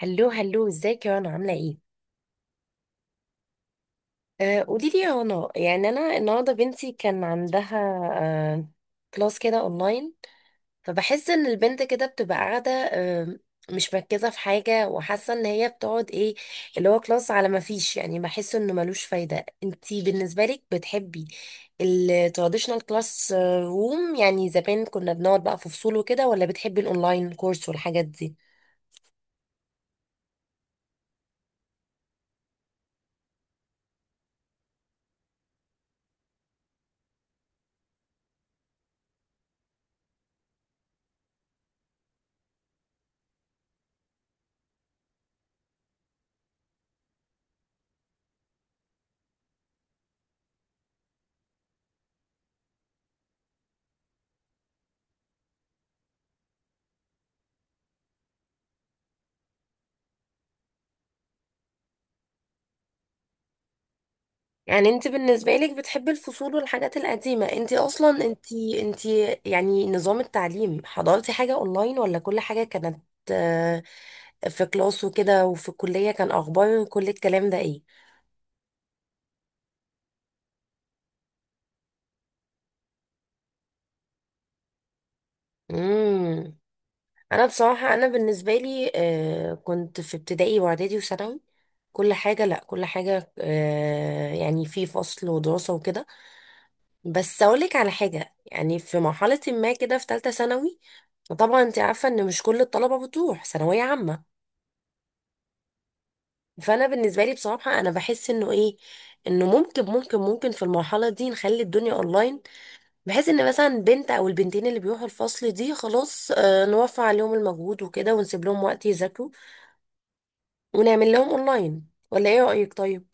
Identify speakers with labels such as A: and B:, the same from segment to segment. A: هلو هلو ازيك يا رنا، عاملة ايه؟ قولي لي يا رنا، يعني انا النهارده بنتي كان عندها آه كلاس كده اونلاين. فبحس ان البنت كده بتبقى قاعدة، مش مركزة في حاجة، وحاسة ان هي بتقعد ايه اللي هو كلاس، على ما فيش. يعني بحس انه ملوش فايدة. انتي بالنسبة لك بتحبي التراديشنال كلاس روم، يعني زمان كنا بنقعد بقى في فصول وكده، ولا بتحبي الاونلاين كورس والحاجات دي؟ يعني انت بالنسبة لك بتحبي الفصول والحاجات القديمة؟ انت اصلا انت يعني نظام التعليم حضرتي حاجة اونلاين، ولا كل حاجة كانت آه، في كلاس وكده، وفي الكلية كان اخبار كل الكلام ده ايه؟ امم انا بصراحة، انا بالنسبة لي كنت في ابتدائي واعدادي وثانوي كل حاجة. لا، كل حاجة يعني في فصل ودراسة وكده. بس اقولك على حاجه، يعني في مرحله ما كده، في ثالثه ثانوي طبعا انت عارفه ان مش كل الطلبه بتروح ثانويه عامه. فانا بالنسبه لي بصراحه، انا بحس انه ايه، انه ممكن في المرحله دي نخلي الدنيا اونلاين، بحيث ان مثلا بنت او البنتين اللي بيروحوا الفصل دي خلاص، نوفر عليهم المجهود وكده، ونسيب لهم وقت يذاكروا، ونعمل لهم اونلاين. ولا ايه رايك؟ طيب،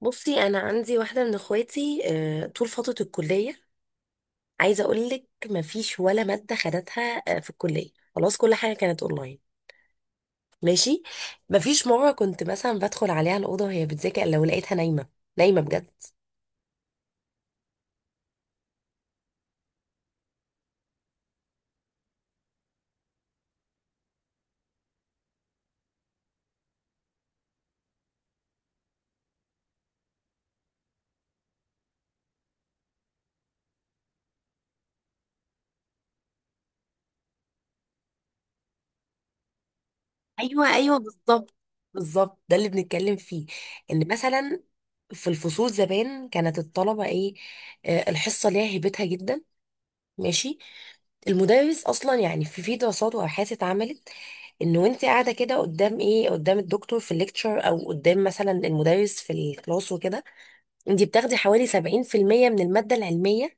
A: بصي، انا عندي واحده من اخواتي، طول فتره الكليه عايزه اقول لك مفيش ولا ماده خدتها في الكليه. خلاص كل حاجه كانت اونلاين. ماشي، مفيش مره كنت مثلا بدخل عليها الاوضه وهي بتذاكر، لو لقيتها نايمه نايمه بجد. ايوه، ايوه، بالظبط، بالظبط. ده اللي بنتكلم فيه، ان مثلا في الفصول زمان كانت الطلبه ايه، الحصه ليها هيبتها جدا. ماشي، المدرس اصلا يعني في دراسات وابحاث اتعملت، ان وانت قاعده كده قدام ايه، قدام الدكتور في الليكتشر، او قدام مثلا المدرس في الكلاس وكده، انت بتاخدي حوالي 70% من المادة العلمية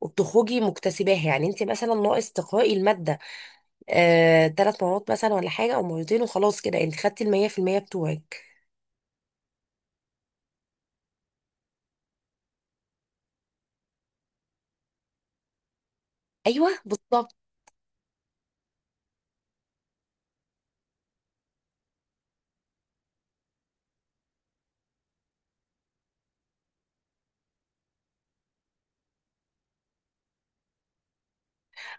A: وبتخرجي مكتسباها. يعني انت مثلا ناقص تقرأي المادة 3 مرات مثلا ولا حاجة، او مرتين، وخلاص كده انت خدتي 100% بتوعك. ايوه بالظبط.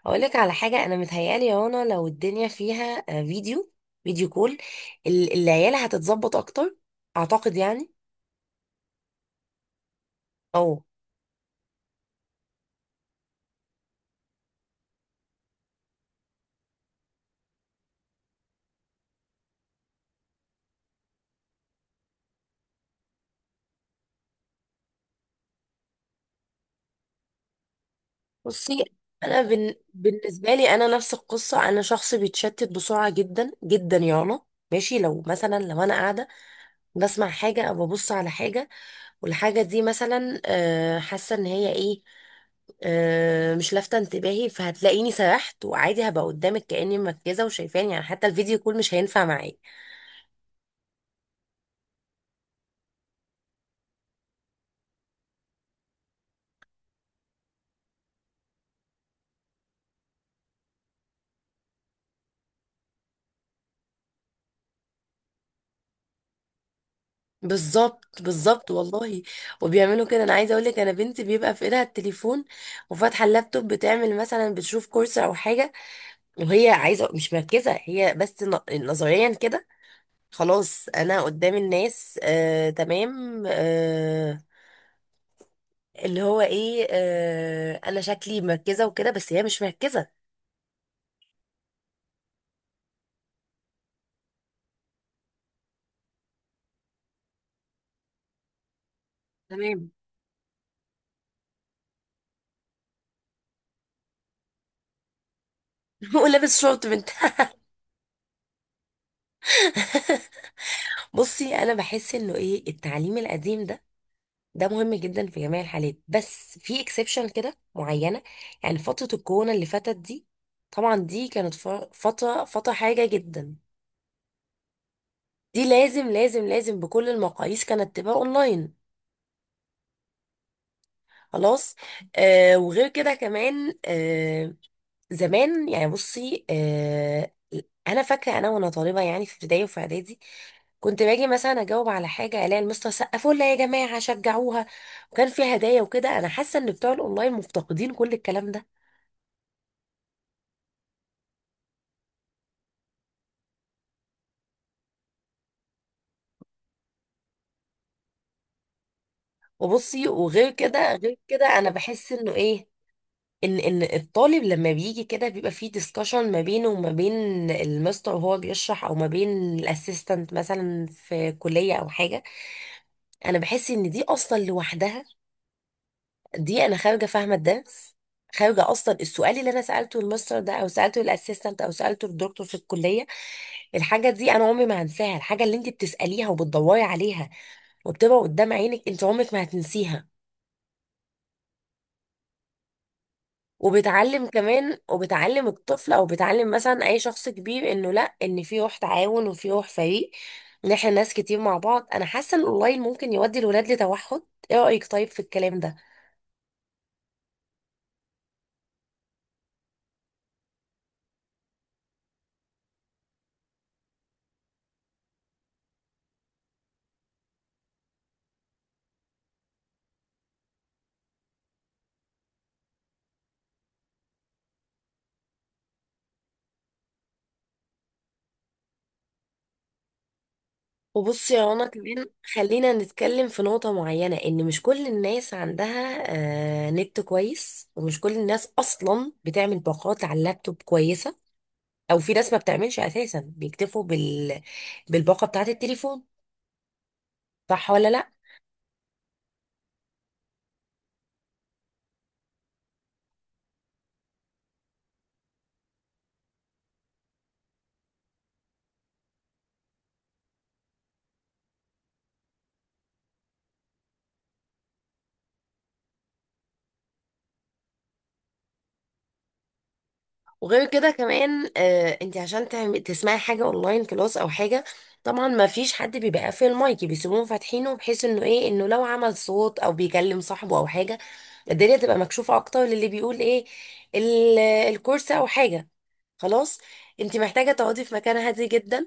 A: اقول لك على حاجة انا متهيألي يا رنا، لو الدنيا فيها فيديو كول، العيال هتتظبط اكتر، اعتقد يعني. او بصي، انا بالنسبة لي انا نفس القصة. انا شخص بيتشتت بسرعة جدا جدا يا رنا. ماشي، لو انا قاعدة بسمع حاجة أو ببص على حاجة، والحاجة دي مثلا حاسة إن هي إيه، مش لافتة انتباهي، فهتلاقيني سرحت وعادي، هبقى قدامك كأني مركزة وشايفاني. يعني حتى الفيديو كول مش هينفع معايا. بالظبط، بالظبط، والله. وبيعملوا كده. انا عايزه اقول لك، انا بنتي بيبقى في ايدها التليفون وفاتحه اللابتوب، بتعمل مثلا بتشوف كورس او حاجه، وهي عايزه. مش مركزه هي، بس نظريا كده خلاص، انا قدام الناس تمام، اللي هو ايه، انا شكلي مركزه وكده، بس هي مش مركزه. تمام. ولابس شورت بنت. بصي، انا بحس انه ايه، التعليم القديم ده، ده مهم جدا في جميع الحالات، بس في اكسبشن كده معينه، يعني فتره الكورونا اللي فاتت دي، طبعا دي كانت فتره حاجه جدا. دي لازم لازم لازم بكل المقاييس كانت تبقى اونلاين. خلاص. وغير كده كمان، زمان يعني، بصي انا فاكره انا وانا طالبه، يعني في ابتدائي وفي اعدادي، كنت باجي مثلا اجاوب على حاجه الاقي المستر سقفوا لها، يا جماعه شجعوها، وكان في هدايا وكده. انا حاسه ان بتوع الاونلاين مفتقدين كل الكلام ده. وبصي، وغير كده غير كده انا بحس انه ايه، ان الطالب لما بيجي كده بيبقى فيه ديسكشن ما بينه وما بين المستر وهو بيشرح، او ما بين الاسيستنت مثلا في كليه او حاجه. انا بحس ان دي اصلا لوحدها، دي انا خارجه فاهمه الدرس. خارجه اصلا السؤال اللي انا سالته المستر ده، او سالته الاسيستنت، او سالته الدكتور في الكليه. الحاجه دي انا عمري ما هنساها. الحاجه اللي انت بتساليها وبتدوري عليها وبتبقى قدام عينك، انت عمرك ما هتنسيها. وبتعلم كمان، وبتعلم الطفل، او بتعلم مثلا اي شخص كبير، انه لا، ان في روح تعاون وفي روح فريق، ان احنا ناس كتير مع بعض. انا حاسه ان الاونلاين ممكن يودي الولاد لتوحد. ايه رايك طيب في الكلام ده؟ وبصي يا رنا كمان، خلينا نتكلم في نقطة معينة، إن مش كل الناس عندها نت كويس، ومش كل الناس أصلا بتعمل باقات على اللابتوب كويسة، أو في ناس ما بتعملش أساسا، بيكتفوا بالباقة بتاعة التليفون. صح ولا لأ؟ وغير كده كمان، انت عشان تسمعي حاجة اونلاين كلاس او حاجة، طبعا ما فيش حد بيبقى قافل المايك، بيسيبوهم فاتحينه، بحيث انه ايه، انه لو عمل صوت او بيكلم صاحبه او حاجة، الدنيا تبقى مكشوفة اكتر للي بيقول ايه، الكورس او حاجة. خلاص. انت محتاجة تقعدي في مكان هادي جدا.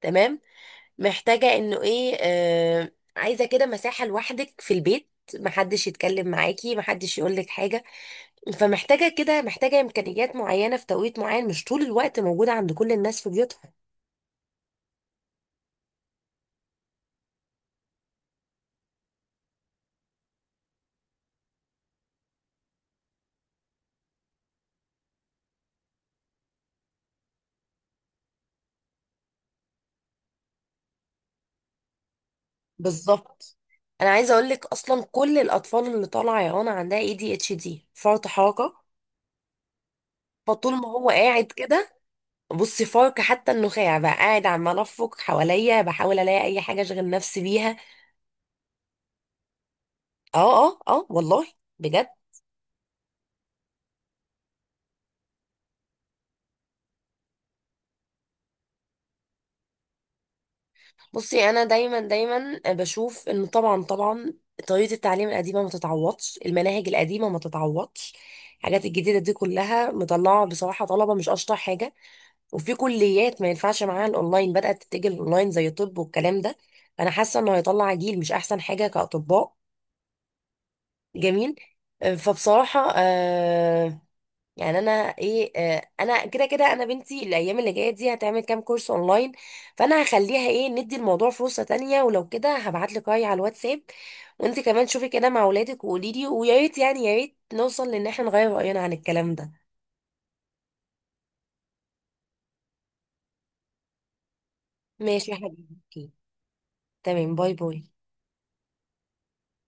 A: تمام، محتاجة انه ايه، عايزة كده مساحة لوحدك في البيت، محدش يتكلم معاكي، محدش يقولك حاجة. فمحتاجة كده، محتاجة إمكانيات معينة في توقيت معين، مش طول الوقت موجودة عند كل الناس في بيوتها. بالظبط. أنا عايزة أقول لك، أصلا كل الأطفال اللي طالعة يا رنا عندها ADHD، فرط حركة. فطول ما هو قاعد كده، بصي، فرك حتى النخاع بقى، قاعد عمال أفرك حواليا، بحاول ألاقي أي حاجة أشغل نفسي بيها. اه، اه، اه، والله بجد. بصي انا دايما دايما بشوف ان طبعا طبعا طريقه التعليم القديمه ما تتعوضش، المناهج القديمه ما تتعوضش. الحاجات الجديده دي كلها مطلعه بصراحه طلبه مش اشطر حاجه، وفي كليات ما ينفعش معاها الاونلاين بدات تتجه الاونلاين، زي الطب والكلام ده. فانا حاسه انه هيطلع جيل مش احسن حاجه كاطباء. جميل. فبصراحه يعني انا ايه، انا كده كده انا بنتي الايام اللي جايه دي هتعمل كام كورس اونلاين، فانا هخليها ايه، ندي الموضوع فرصه تانية. ولو كده هبعت لك رايي على الواتساب، وانت كمان شوفي كده مع اولادك وقولي لي. ويا ريت يعني، يا ريت نوصل لان احنا نغير راينا عن الكلام ده. ماشي يا حبيبتي. تمام. باي باي.